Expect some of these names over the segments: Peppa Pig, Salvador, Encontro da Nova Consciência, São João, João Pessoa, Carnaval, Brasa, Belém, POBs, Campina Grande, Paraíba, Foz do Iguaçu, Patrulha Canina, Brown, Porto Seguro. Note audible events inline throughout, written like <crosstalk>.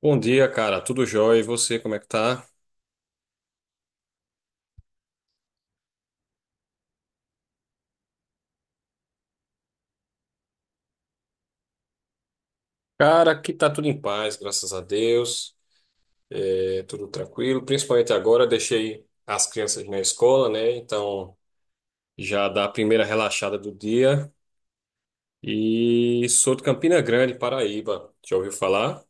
Bom dia, cara. Tudo jóia? E você, como é que tá? Cara, aqui tá tudo em paz, graças a Deus. É tudo tranquilo. Principalmente agora, deixei as crianças na escola, né? Então já dá a primeira relaxada do dia. E sou de Campina Grande, Paraíba. Já ouviu falar?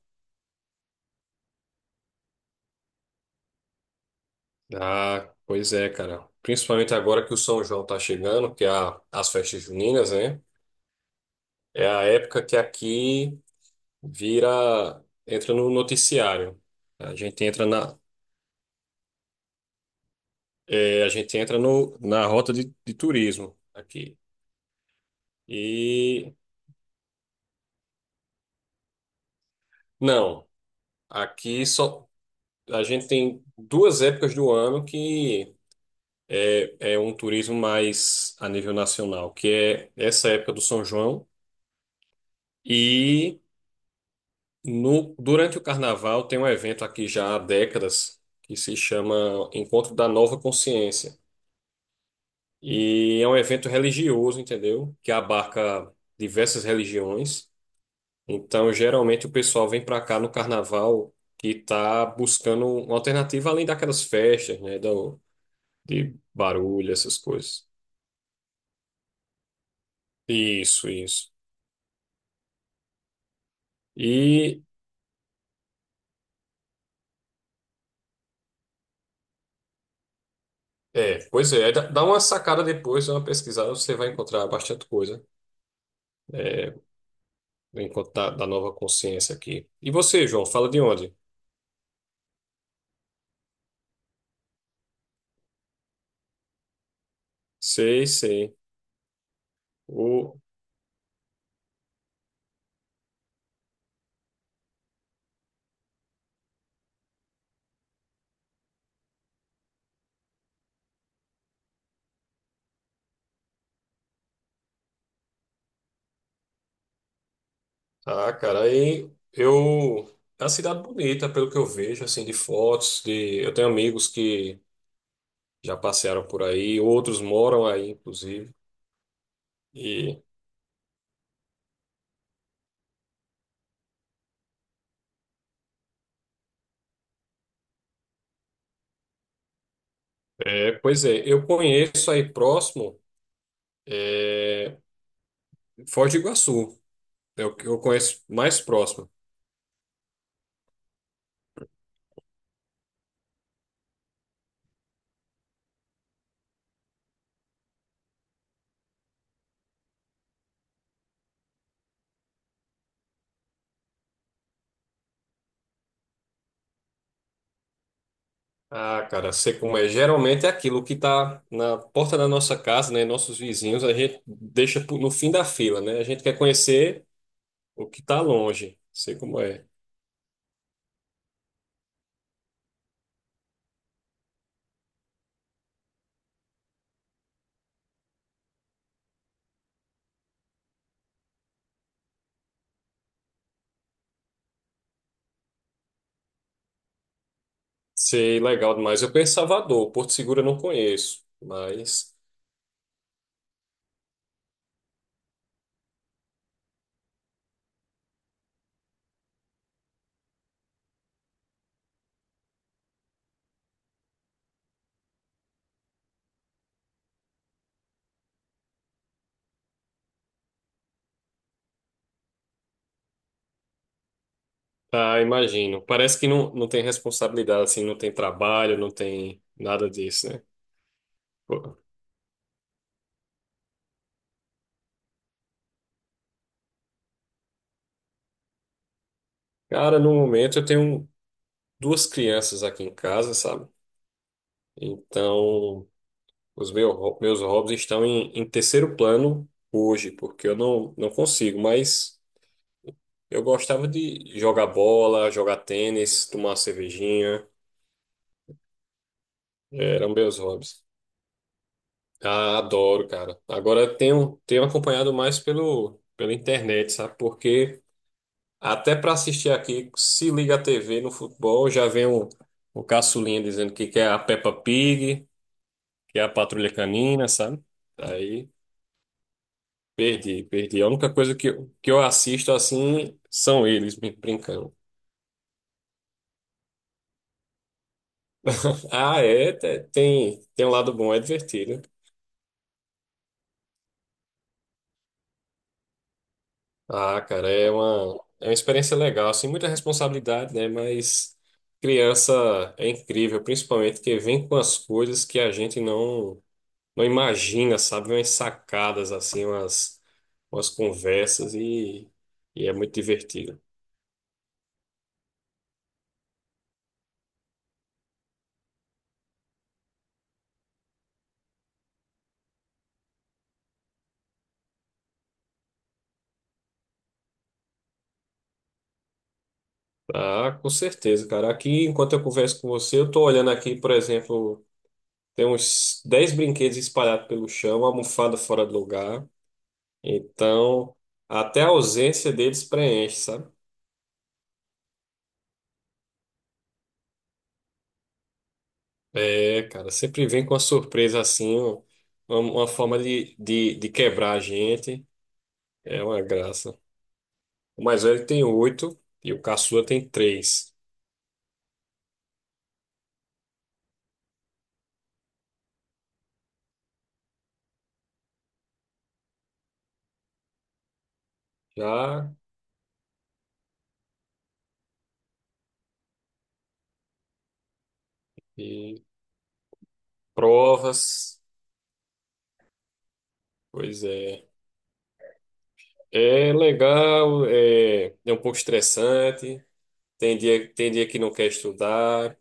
Ah, pois é, cara. Principalmente agora que o São João tá chegando, que é as festas juninas, né? É a época que aqui vira, entra no noticiário. A gente entra na, é, a gente entra no, na rota de turismo aqui. E não, aqui só a gente tem duas épocas do ano que é um turismo mais a nível nacional, que é essa época do São João e no, durante o Carnaval tem um evento aqui já há décadas que se chama Encontro da Nova Consciência. E é um evento religioso, entendeu? Que abarca diversas religiões. Então, geralmente o pessoal vem para cá no carnaval que tá buscando uma alternativa além daquelas festas, né, de barulho, essas coisas. Isso, isso. E pois é, dá uma sacada depois, dá uma pesquisada, você vai encontrar bastante coisa, é, enquanto da nova consciência aqui. E você, João, fala de onde? Sei, sei. O, ah, cara, aí eu é uma cidade bonita, pelo que eu vejo, assim, de fotos, de eu tenho amigos que já passearam por aí, outros moram aí, inclusive. E pois é, eu conheço aí próximo, é, Foz do Iguaçu, é o que eu conheço mais próximo. Ah, cara, sei como é. Geralmente é aquilo que tá na porta da nossa casa, né? Nossos vizinhos, a gente deixa no fim da fila, né? A gente quer conhecer o que tá longe. Sei como é. Sei, legal demais. Eu conheço Salvador, Porto Seguro eu não conheço, mas. Ah, imagino. Parece que não, não tem responsabilidade, assim, não tem trabalho, não tem nada disso, né? Pô. Cara, no momento eu tenho duas crianças aqui em casa, sabe? Então, meus hobbies estão em terceiro plano hoje, porque eu não, não consigo, mas eu gostava de jogar bola, jogar tênis, tomar uma cervejinha, eram meus hobbies. Ah, adoro, cara. Agora eu tenho acompanhado mais pela internet, sabe? Porque. Até para assistir aqui, se liga a TV no futebol, já vem o caçulinha dizendo que quer a Peppa Pig, que é a Patrulha Canina, sabe? Aí perdi, perdi. A única coisa que, que eu assisto assim são eles me brincando. Ah, é, tem um lado bom, é divertido. Ah, cara, é uma experiência legal, assim, muita responsabilidade, né? Mas criança é incrível, principalmente que vem com as coisas que a gente não. Não imagina, sabe? Umas sacadas assim, umas conversas e é muito divertido. Ah, com certeza, cara. Aqui, enquanto eu converso com você, eu tô olhando aqui, por exemplo, tem uns 10 brinquedos espalhados pelo chão, almofada fora do lugar. Então, até a ausência deles preenche, sabe? É, cara, sempre vem com uma surpresa assim, uma forma de quebrar a gente. É uma graça. O mais velho tem 8 e o caçula tem 3. Já, e provas, pois é. É legal, é um pouco estressante, tem dia que não quer estudar,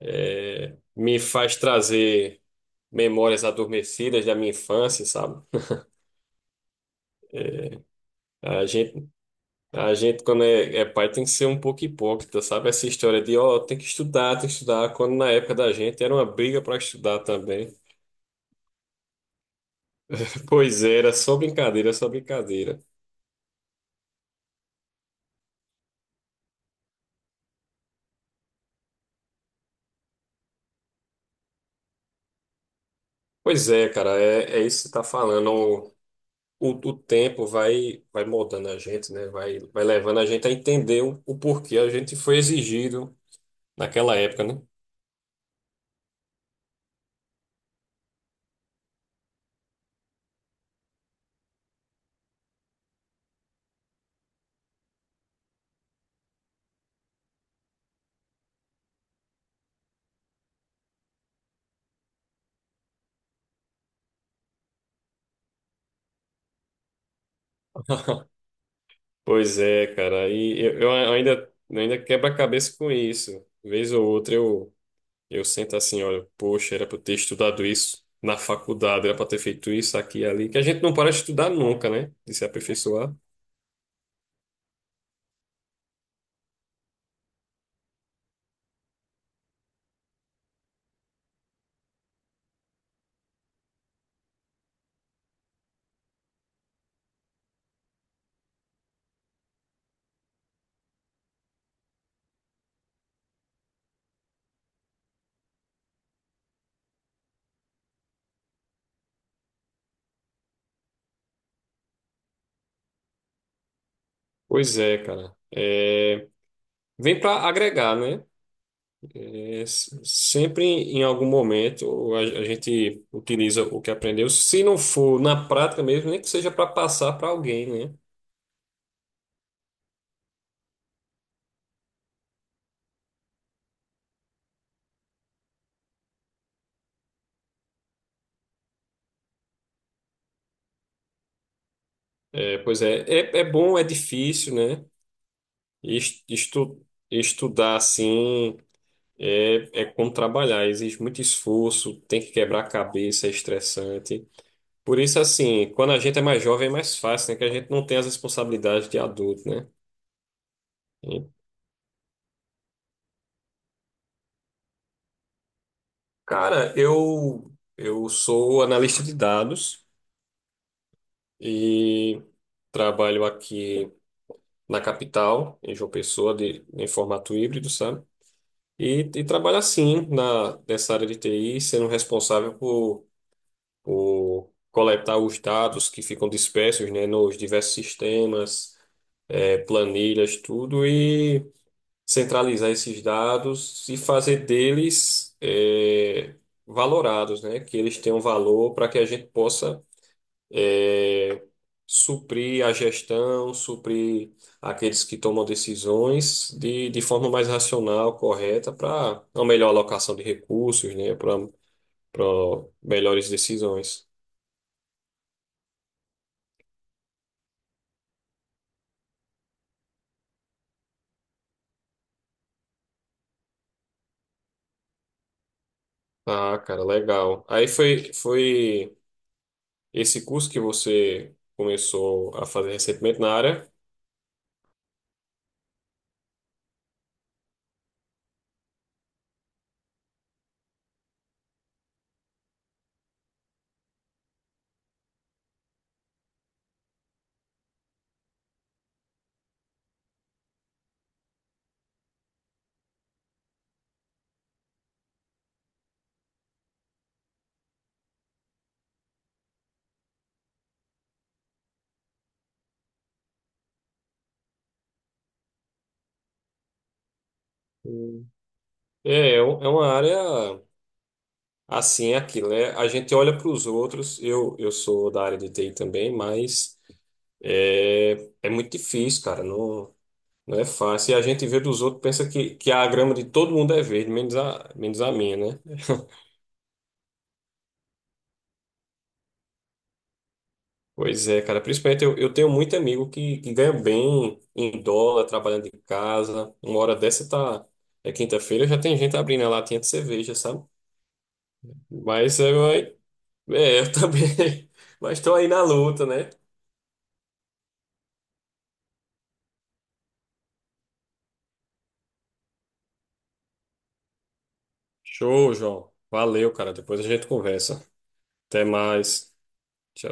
me faz trazer memórias adormecidas da minha infância, sabe? A gente, a gente quando é pai, tem que ser um pouco hipócrita, sabe? Essa história de, ó, tem que estudar, quando na época da gente era uma briga para estudar também. <laughs> Pois é, era só brincadeira, só brincadeira. Pois é, cara, é isso que você tá falando. O tempo vai moldando a gente, né? Vai levando a gente a entender o porquê a gente foi exigido naquela época, né? <laughs> Pois é, cara. E eu ainda quebro a cabeça com isso. Vez ou outra eu sento assim, olha, poxa, era para eu ter estudado isso na faculdade, era para ter feito isso aqui e ali. Que a gente não para de estudar nunca, né? De se aperfeiçoar. Pois é, cara. É, vem para agregar, né? É, sempre em algum momento a gente utiliza o que aprendeu, se não for na prática mesmo, nem que seja para passar para alguém, né? É, pois é, é bom, é difícil, né? Es- Estu, estudar assim é como trabalhar, exige muito esforço, tem que quebrar a cabeça, é estressante. Por isso, assim, quando a gente é mais jovem é mais fácil, né? Que a gente não tem as responsabilidades de adulto, né? E, cara, eu sou analista de dados. E trabalho aqui na capital, em João Pessoa, em formato híbrido, sabe? E trabalho assim, nessa área de TI, sendo responsável por coletar os dados que ficam dispersos, né, nos diversos sistemas, planilhas, tudo, e centralizar esses dados e fazer deles, valorados, né, que eles tenham valor para que a gente possa é, suprir a gestão, suprir aqueles que tomam decisões de forma mais racional, correta, para uma melhor alocação de recursos, né, para melhores decisões. Ah, cara, legal. Aí foi esse curso que você começou a fazer recentemente na área. Hum. É é uma área assim, é aquilo, né? A gente olha para os outros. Eu sou da área de TI também, mas É, é muito difícil, cara. Não, não é fácil. E a gente vê dos outros, pensa que a grama de todo mundo é verde, menos a minha, né? Pois é, cara. Principalmente eu tenho muito amigo que ganha bem em dólar, trabalhando de casa. Uma hora dessa tá. É quinta-feira, já tem gente abrindo a latinha de cerveja, sabe? Mas é, mas- É, eu também. <laughs> Mas tô aí na luta, né? Show, João. Valeu, cara. Depois a gente conversa. Até mais. Tchau.